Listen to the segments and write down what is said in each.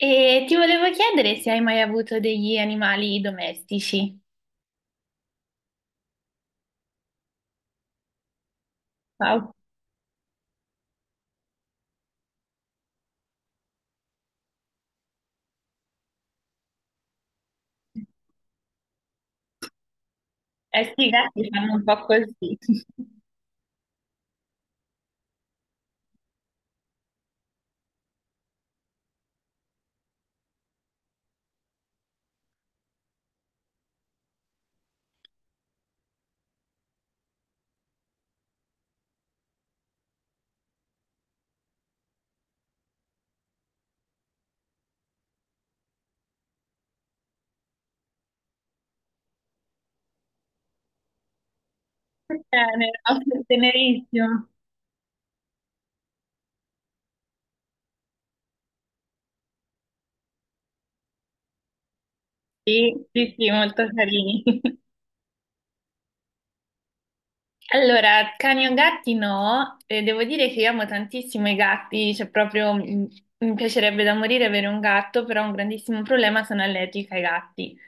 E ti volevo chiedere se hai mai avuto degli animali domestici. Wow. Eh sì, i gatti fanno un po' così. Tenero, tenerissimo. Sì, sì, sì, molto carini. Allora, cani o gatti no, e devo dire che io amo tantissimo i gatti, cioè proprio mi piacerebbe da morire avere un gatto, però un grandissimo problema sono allergica ai gatti.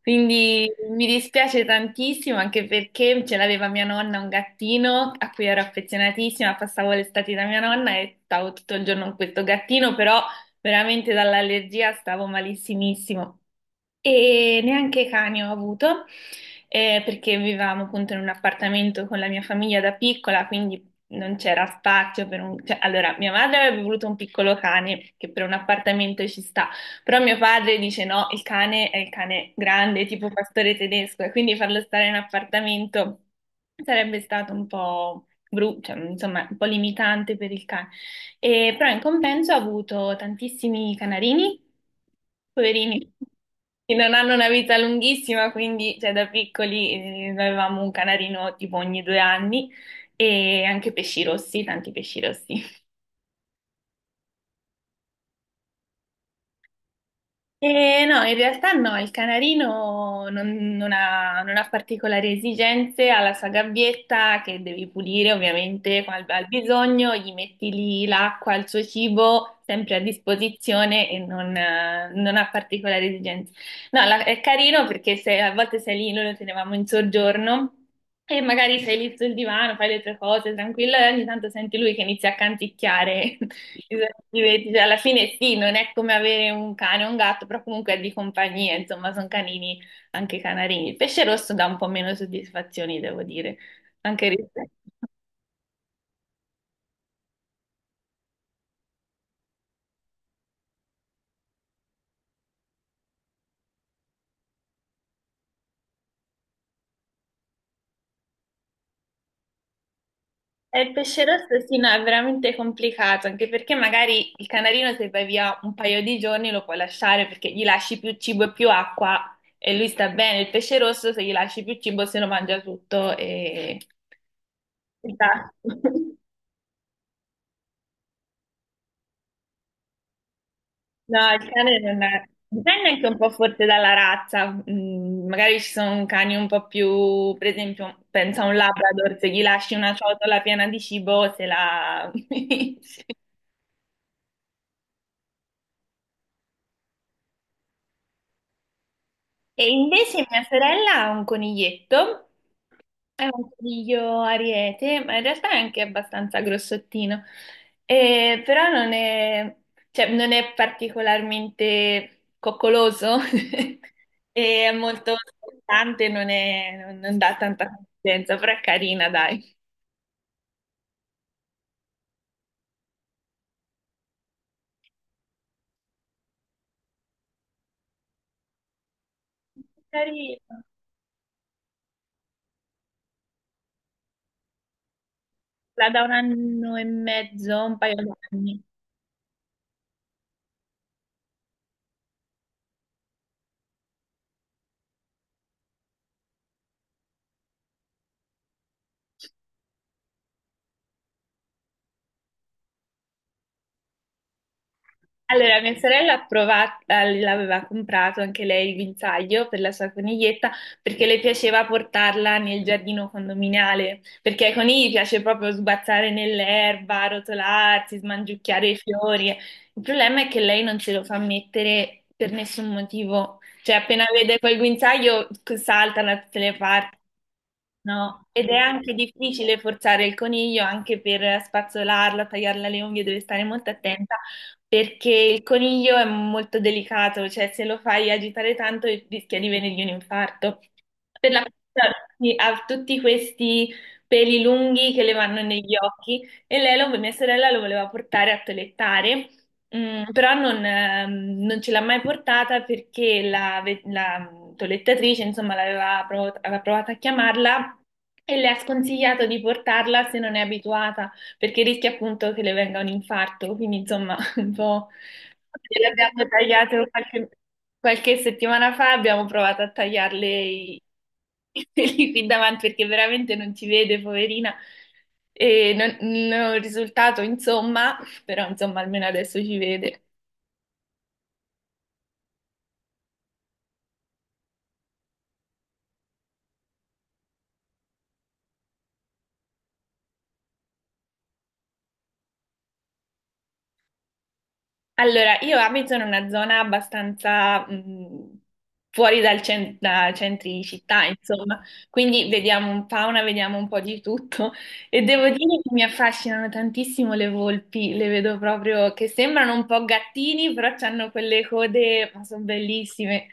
Quindi mi dispiace tantissimo anche perché ce l'aveva mia nonna un gattino a cui ero affezionatissima, passavo l'estate da mia nonna e stavo tutto il giorno con questo gattino, però veramente dall'allergia stavo malissimissimo. E neanche cani ho avuto, perché vivevamo appunto in un appartamento con la mia famiglia da piccola, quindi non c'era spazio per un... cioè, allora, mia madre avrebbe voluto un piccolo cane, che per un appartamento ci sta, però mio padre dice no, il cane è il cane grande, tipo pastore tedesco, e quindi farlo stare in appartamento sarebbe stato un po' brutto, insomma, un po' limitante per il cane. E, però in compenso ha avuto tantissimi canarini, poverini, che non hanno una vita lunghissima, quindi cioè, da piccoli avevamo un canarino tipo ogni due anni e anche pesci rossi, tanti pesci rossi. No, in realtà no, il canarino non ha particolari esigenze, ha la sua gabbietta che devi pulire ovviamente al bisogno, gli metti lì l'acqua, il suo cibo sempre a disposizione e non ha particolari esigenze. No, è carino perché se, a volte sei lì, noi lo tenevamo in soggiorno e magari sei lì sul divano, fai le tue cose tranquillo e ogni tanto senti lui che inizia a canticchiare. Divertimenti, cioè, alla fine sì, non è come avere un cane o un gatto, però comunque è di compagnia, insomma, sono canini anche canarini. Il pesce rosso dà un po' meno soddisfazioni, devo dire, anche rispetto. E il pesce rosso sì, no, è veramente complicato, anche perché magari il canarino se vai via un paio di giorni lo puoi lasciare perché gli lasci più cibo e più acqua e lui sta bene. Il pesce rosso se gli lasci più cibo se lo mangia tutto e... Esatto. No, il cane non è... Dipende anche un po' forse dalla razza. Magari ci sono cani un po' più, per esempio, pensa a un Labrador, se gli lasci una ciotola piena di cibo, se la... E invece mia sorella ha un coniglietto, è un coniglio ariete, ma in realtà è anche abbastanza grossottino. Però non è, cioè, non è particolarmente coccoloso, e è molto scottante, non è- non- non dà tanta consistenza, però è carina, dai. Carina, la da un anno e mezzo, un paio d'anni. Allora, mia sorella ha provato, l'aveva comprato anche lei il guinzaglio per la sua coniglietta perché le piaceva portarla nel giardino condominiale, perché ai conigli piace proprio sbazzare nell'erba, rotolarsi, smangiucchiare i fiori. Il problema è che lei non ce lo fa mettere per nessun motivo, cioè appena vede quel guinzaglio salta da tutte le parti. No, ed è anche difficile forzare il coniglio anche per spazzolarla, tagliarla le unghie, deve stare molto attenta perché il coniglio è molto delicato, cioè se lo fai agitare tanto rischia di venirgli un infarco. Per la sì, ha tutti questi peli lunghi che le vanno negli occhi e lei, mia sorella, lo voleva portare a toelettare, però non ce l'ha mai portata perché la toelettatrice, insomma, aveva provato a chiamarla e le ha sconsigliato di portarla se non è abituata perché rischia appunto che le venga un infarto, quindi insomma un po'. Le abbiamo tagliate qualche settimana fa, abbiamo provato a tagliarle i, i peli qui davanti perché veramente non ci vede, poverina. E non ho risultato, insomma, però insomma almeno adesso ci vede. Allora, io abito in una zona abbastanza fuori da centri città, insomma, quindi vediamo un po' di tutto e devo dire che mi affascinano tantissimo le volpi, le vedo proprio che sembrano un po' gattini, però hanno quelle code, ma sono bellissime.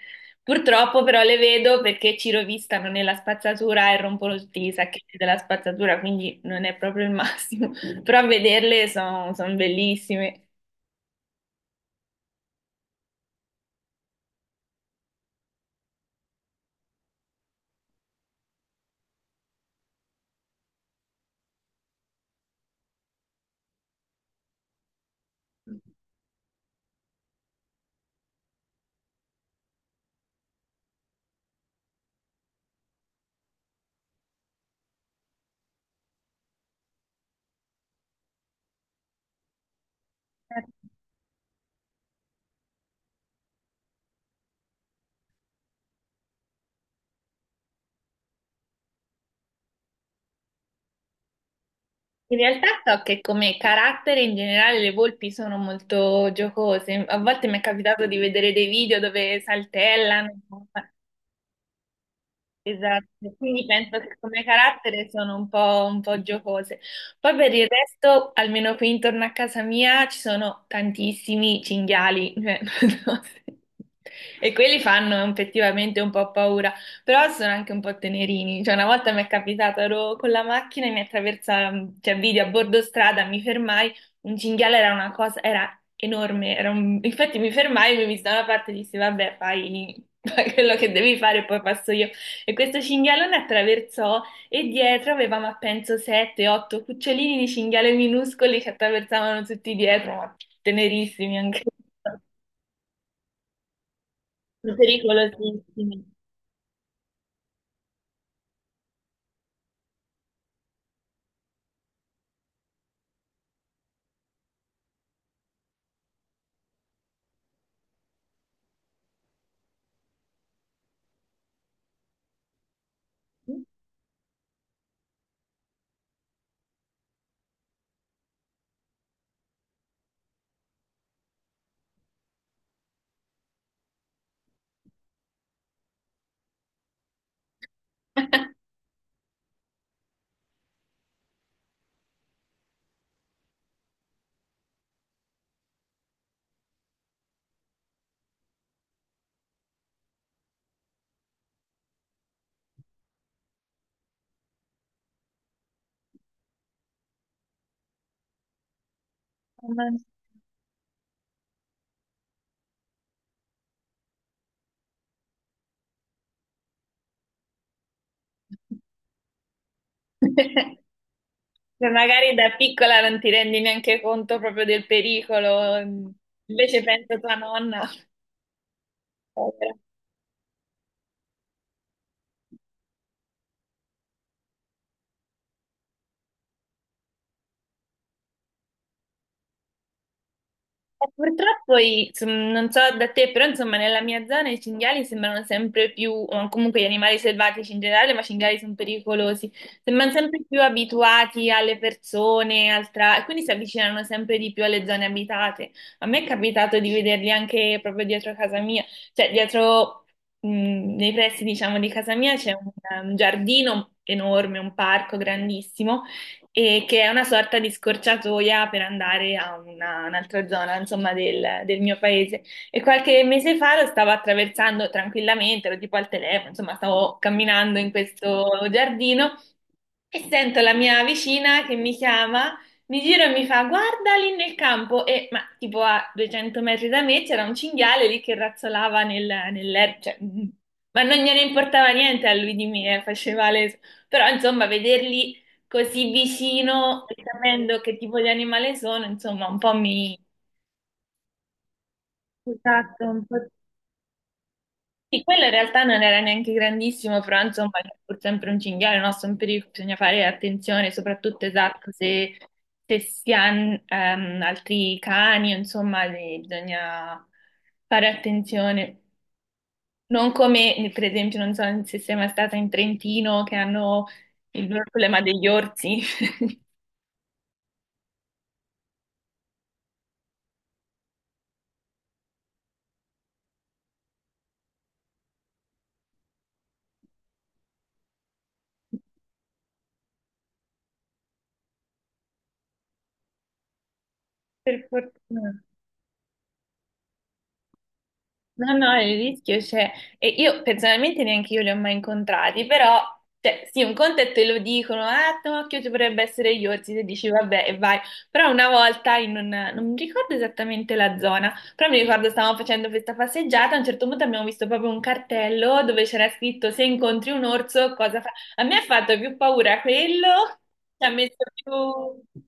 Purtroppo però le vedo perché ci rovistano nella spazzatura e rompono tutti i sacchetti della spazzatura, quindi non è proprio il massimo, però a vederle sono bellissime. In realtà so che come carattere in generale le volpi sono molto giocose, a volte mi è capitato di vedere dei video dove saltellano. Esatto, quindi penso che come carattere sono un po' giocose. Poi per il resto, almeno qui intorno a casa mia, ci sono tantissimi cinghiali, cioè, non so se- e quelli fanno effettivamente un po' paura, però sono anche un po' tenerini. Cioè, una volta mi è capitato, ero con la macchina e mi attraversa, cioè, vidi a bordo strada, mi fermai, un cinghiale era una cosa, era enorme, infatti mi fermai, mi visi da una parte e dissi, vabbè, fai fai quello che devi fare e poi passo io. E questo cinghialone attraversò e dietro aveva, ma penso, sette, otto cucciolini di cinghiale minuscoli che attraversavano tutti dietro, ma tenerissimi anche, pericolosissimi. Mamma mia. Cioè, magari da piccola non ti rendi neanche conto proprio del pericolo, invece penso tua nonna. Povera. Purtroppo, insomma, non so da te, però insomma nella mia zona i cinghiali sembrano sempre più, o comunque gli animali selvatici in generale, ma i cinghiali sono pericolosi, sembrano sempre più abituati alle persone, e quindi si avvicinano sempre di più alle zone abitate. A me è capitato di vederli anche proprio dietro casa mia, cioè dietro, nei pressi diciamo di casa mia c'è un giardino enorme, un parco grandissimo e che è una sorta di scorciatoia per andare un'altra zona, insomma, del mio paese. E qualche mese fa lo stavo attraversando tranquillamente, ero tipo al telefono, insomma, stavo camminando in questo giardino e sento la mia vicina che mi chiama. Mi giro e mi fa, guarda lì nel campo, e ma tipo a 200 metri da me c'era un cinghiale lì che razzolava nell'erba, cioè, ma non gliene importava niente a lui di me, faceva le... Però insomma, vederli così vicino e sapendo che tipo di animale sono, insomma, un po' mi... Esatto, un po'. Sì, quello in realtà non era neanche grandissimo, però insomma, è pur sempre un cinghiale, no? Sono pericoli, bisogna fare attenzione, soprattutto esatto, se si hanno altri cani, insomma, bisogna fare attenzione. Non come, per esempio, non so se sei mai stata in Trentino, che hanno il problema degli orsi. Per fortuna. No, no, il rischio c'è. E io personalmente neanche io li ho mai incontrati, però, cioè, sì, un conto è te lo dicono, ah, no, occhio, ci potrebbe essere gli orsi, se dici vabbè e vai. Però una volta, non mi ricordo esattamente la zona, però mi ricordo stavamo facendo questa passeggiata, a un certo punto abbiamo visto proprio un cartello dove c'era scritto se incontri un orso cosa a me ha fatto più paura quello, ci ha messo più...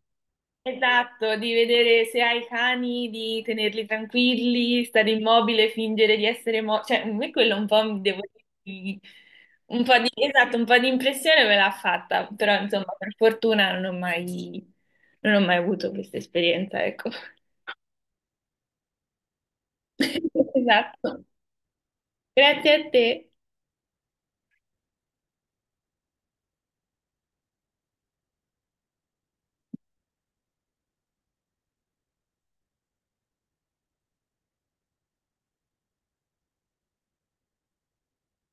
Esatto, di vedere se hai i cani, di tenerli tranquilli, stare immobile, fingere di essere morto. Cioè, a me quello un po' mi devo dire, un po' di, esatto, un po' di impressione me l'ha fatta, però insomma, per fortuna non ho mai avuto questa esperienza, ecco. Esatto. Grazie a te.